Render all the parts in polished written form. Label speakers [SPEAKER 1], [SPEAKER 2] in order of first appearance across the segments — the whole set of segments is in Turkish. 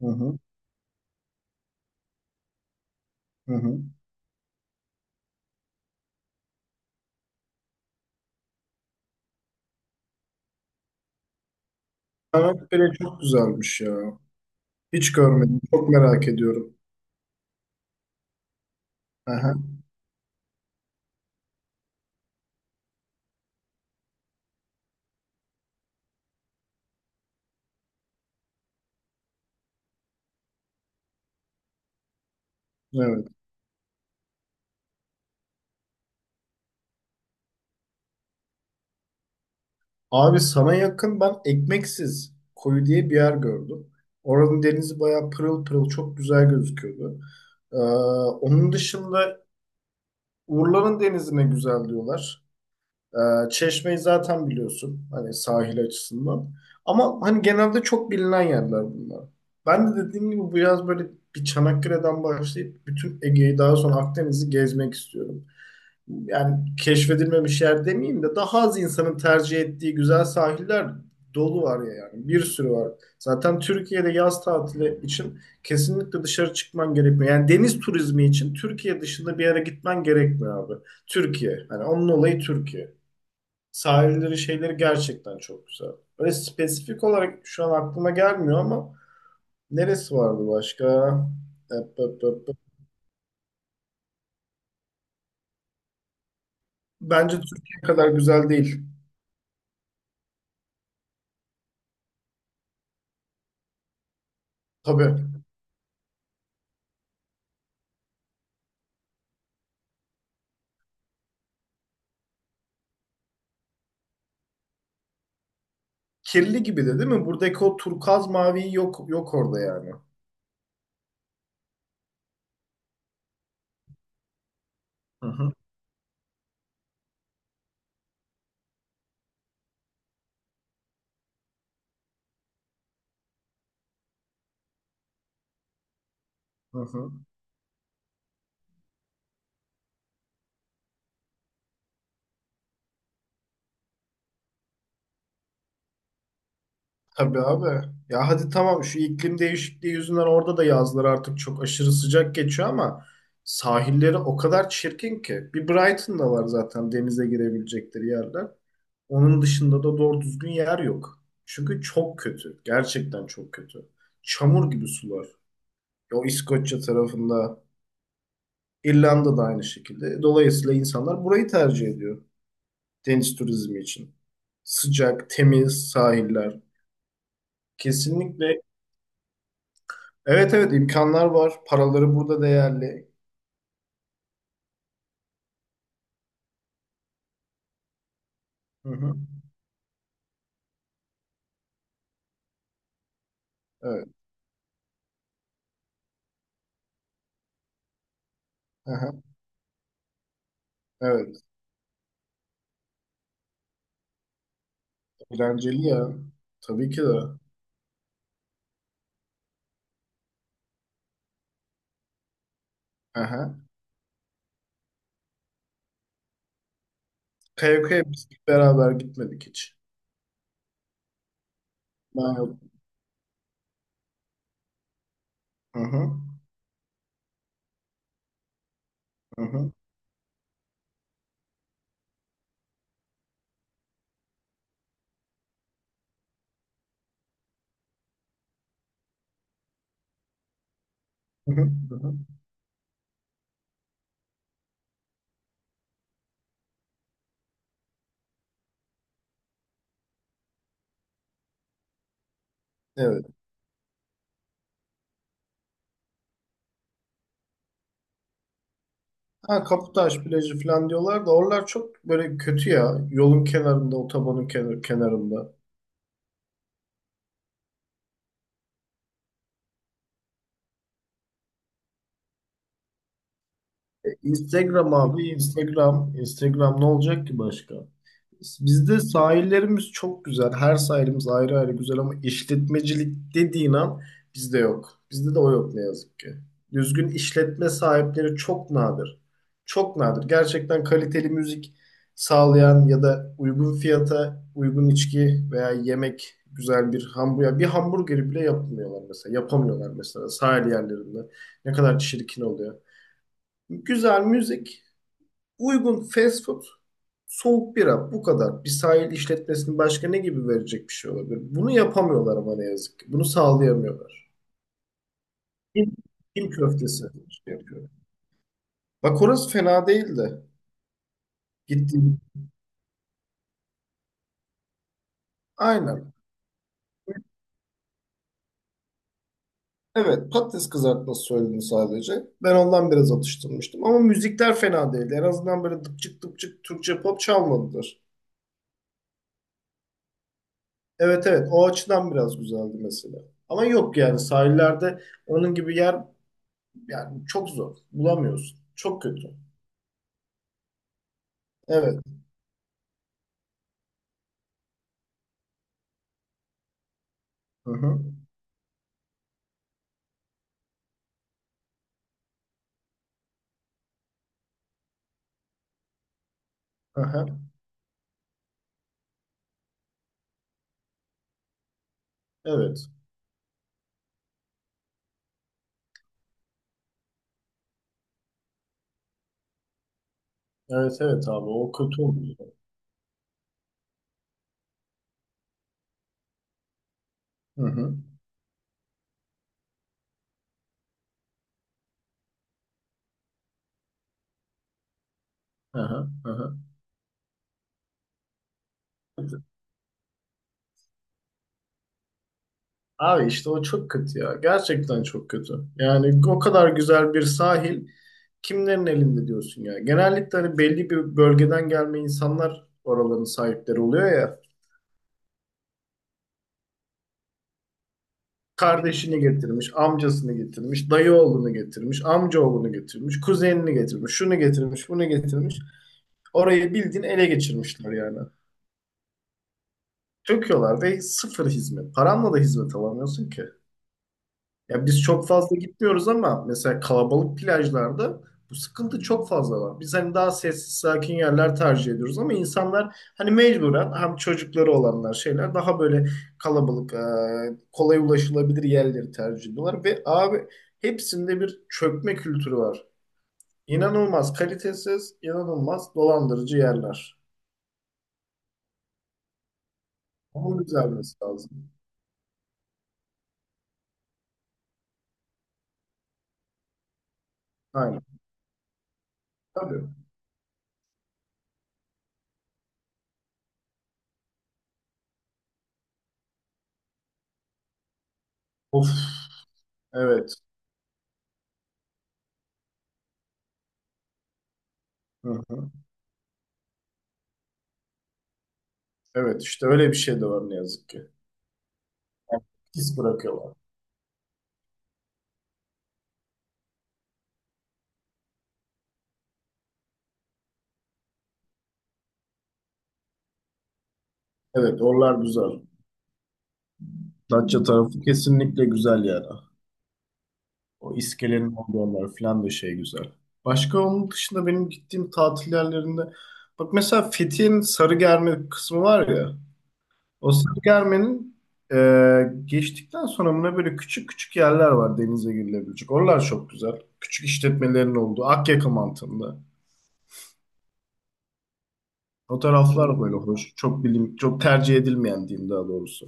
[SPEAKER 1] Hı hı, hı hı. Anakpere çok güzelmiş ya. Hiç görmedim. Çok merak ediyorum. Aha, evet. Abi sana yakın ben Ekmeksiz Koyu diye bir yer gördüm. Oranın denizi bayağı pırıl pırıl çok güzel gözüküyordu. Ee, Onun dışında Urla'nın denizi ne güzel diyorlar. Çeşme'yi zaten biliyorsun. Hani sahil açısından. Ama hani genelde çok bilinen yerler bunlar. Ben de dediğim gibi bu yaz böyle bir Çanakkale'den başlayıp bütün Ege'yi daha sonra Akdeniz'i gezmek istiyorum, yani keşfedilmemiş yer demeyeyim de daha az insanın tercih ettiği güzel sahiller dolu var ya yani. Bir sürü var. Zaten Türkiye'de yaz tatili için kesinlikle dışarı çıkman gerekmiyor. Yani deniz turizmi için Türkiye dışında bir yere gitmen gerekmiyor abi. Türkiye. Hani onun olayı Türkiye. Sahilleri şeyleri gerçekten çok güzel. Öyle spesifik olarak şu an aklıma gelmiyor ama neresi vardı başka? Hep. Bence Türkiye kadar güzel değil. Tabii. Kirli gibi de değil mi? Buradaki o turkuaz mavi yok yok orada yani. Hı hı, hı hı. Tabii abi. Ya hadi tamam şu iklim değişikliği yüzünden orada da yazlar artık çok aşırı sıcak geçiyor ama sahilleri o kadar çirkin ki. Bir Brighton'da var zaten denize girebilecekleri yerler. Onun dışında da doğru düzgün yer yok. Çünkü çok kötü. Gerçekten çok kötü. Çamur gibi sular. O İskoçya tarafında, İrlanda'da aynı şekilde. Dolayısıyla insanlar burayı tercih ediyor deniz turizmi için. Sıcak, temiz sahiller. Kesinlikle. Evet evet, imkanlar var. Paraları burada değerli. Hı hı. Evet. Aha. Evet. Eğlenceli ya. Tabii ki de. Aha. Kayakaya biz beraber gitmedik hiç. Ben yok. Hı hı. Hı hı. Hı hı. Hı hı. Evet. Ha, Kaputaş plajı falan diyorlar da oralar çok böyle kötü ya. Yolun kenarında, otobanın kenarında. Instagram abi Instagram. Instagram ne olacak ki başka? Bizde sahillerimiz çok güzel. Her sahilimiz ayrı ayrı güzel ama işletmecilik dediğin an bizde yok. Bizde de o yok ne yazık ki. Düzgün işletme sahipleri çok nadir. Çok nadir. Gerçekten kaliteli müzik sağlayan ya da uygun fiyata uygun içki veya yemek güzel bir hamburger. Bir hamburgeri bile yapmıyorlar mesela. Yapamıyorlar mesela sahil yerlerinde. Ne kadar çirkin oluyor. Güzel müzik, uygun fast food, soğuk bira, bu kadar. Bir sahil işletmesinin başka ne gibi verecek bir şey olabilir? Bunu yapamıyorlar ama ne yazık ki. Bunu sağlayamıyorlar. Kim, kim köftesi şey yapıyor. Bak orası fena değildi de. Gittiğim. Aynen. Evet, patates kızartması söyledim sadece. Ben ondan biraz atıştırmıştım. Ama müzikler fena değildi. En azından böyle dıpçık dıpçık Türkçe pop çalmadılar. Evet evet, o açıdan biraz güzeldi mesela. Ama yok yani sahillerde onun gibi yer. Yani çok zor. Bulamıyorsun. Çok kötü. Evet. Hı hı. Hı hı. Evet. Evet evet abi, o kötü oluyor. Hı hı. Hı hı. Hı hı. Abi işte o çok kötü ya. Gerçekten çok kötü. Yani o kadar güzel bir sahil kimlerin elinde diyorsun ya. Genellikle hani belli bir bölgeden gelme insanlar oraların sahipleri oluyor ya. Kardeşini getirmiş, amcasını getirmiş, dayı oğlunu getirmiş, amca oğlunu getirmiş, kuzenini getirmiş, şunu getirmiş, bunu getirmiş. Orayı bildiğin ele geçirmişler yani. Döküyorlar ve sıfır hizmet. Paranla da hizmet alamıyorsun ki. Ya biz çok fazla gitmiyoruz ama mesela kalabalık plajlarda bu sıkıntı çok fazla var. Biz hani daha sessiz sakin yerler tercih ediyoruz ama insanlar hani mecburen hem çocukları olanlar şeyler daha böyle kalabalık kolay ulaşılabilir yerleri tercih ediyorlar ve abi hepsinde bir çökme kültürü var. İnanılmaz kalitesiz, inanılmaz dolandırıcı yerler. Onun düzelmesi lazım. Aynen. Tabii. Of. Evet. Hı hı. Evet işte öyle bir şey de var ne yazık ki. Yani. İz bırakıyorlar. Evet, oralar güzel. Datça tarafı kesinlikle güzel yani. O iskelenin olduğu yerler falan da şey güzel. Başka onun dışında benim gittiğim tatil yerlerinde bak mesela Fethiye'nin Sarıgerme kısmı var ya. O Sarıgerme'nin e, geçtikten sonra buna böyle küçük küçük yerler var denize girilebilecek. Oralar çok güzel. Küçük işletmelerin olduğu Akyaka mantığında. Fotoğraflar böyle hoş. Çok bilim, çok tercih edilmeyen diyeyim daha doğrusu.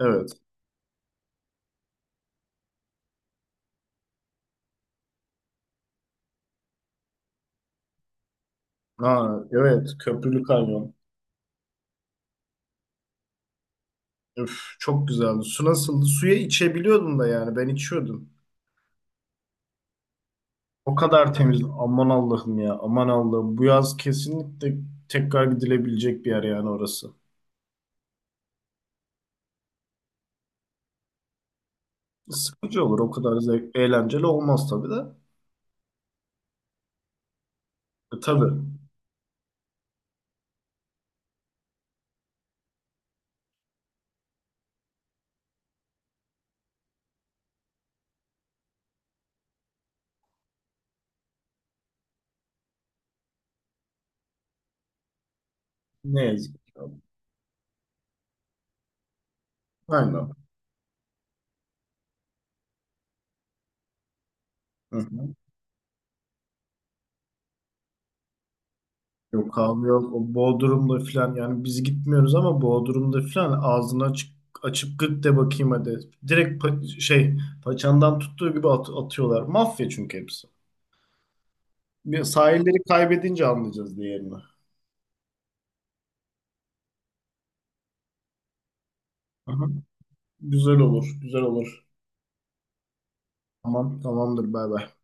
[SPEAKER 1] Evet. Ha, evet. Köprülü kanyon. Üf, çok güzeldi. Su nasıldı? Suya içebiliyordum da yani. Ben içiyordum. O kadar temiz. Aman Allah'ım ya. Aman Allah'ım. Bu yaz kesinlikle tekrar gidilebilecek bir yer yani orası. Sıkıcı olur. O kadar zevk, eğlenceli olmaz tabii de. Tabii. Ne yazık ki. Aynen. Hı hı. Yok abi yok. O Bodrum'da filan yani biz gitmiyoruz ama Bodrum'da filan ağzını açık açıp gık de bakayım hadi. Direkt paçandan tuttuğu gibi atıyorlar. Mafya çünkü hepsi. Bir sahilleri kaybedince anlayacağız diğerini. Aha. Güzel olur, güzel olur. Tamam, tamamdır bay bay.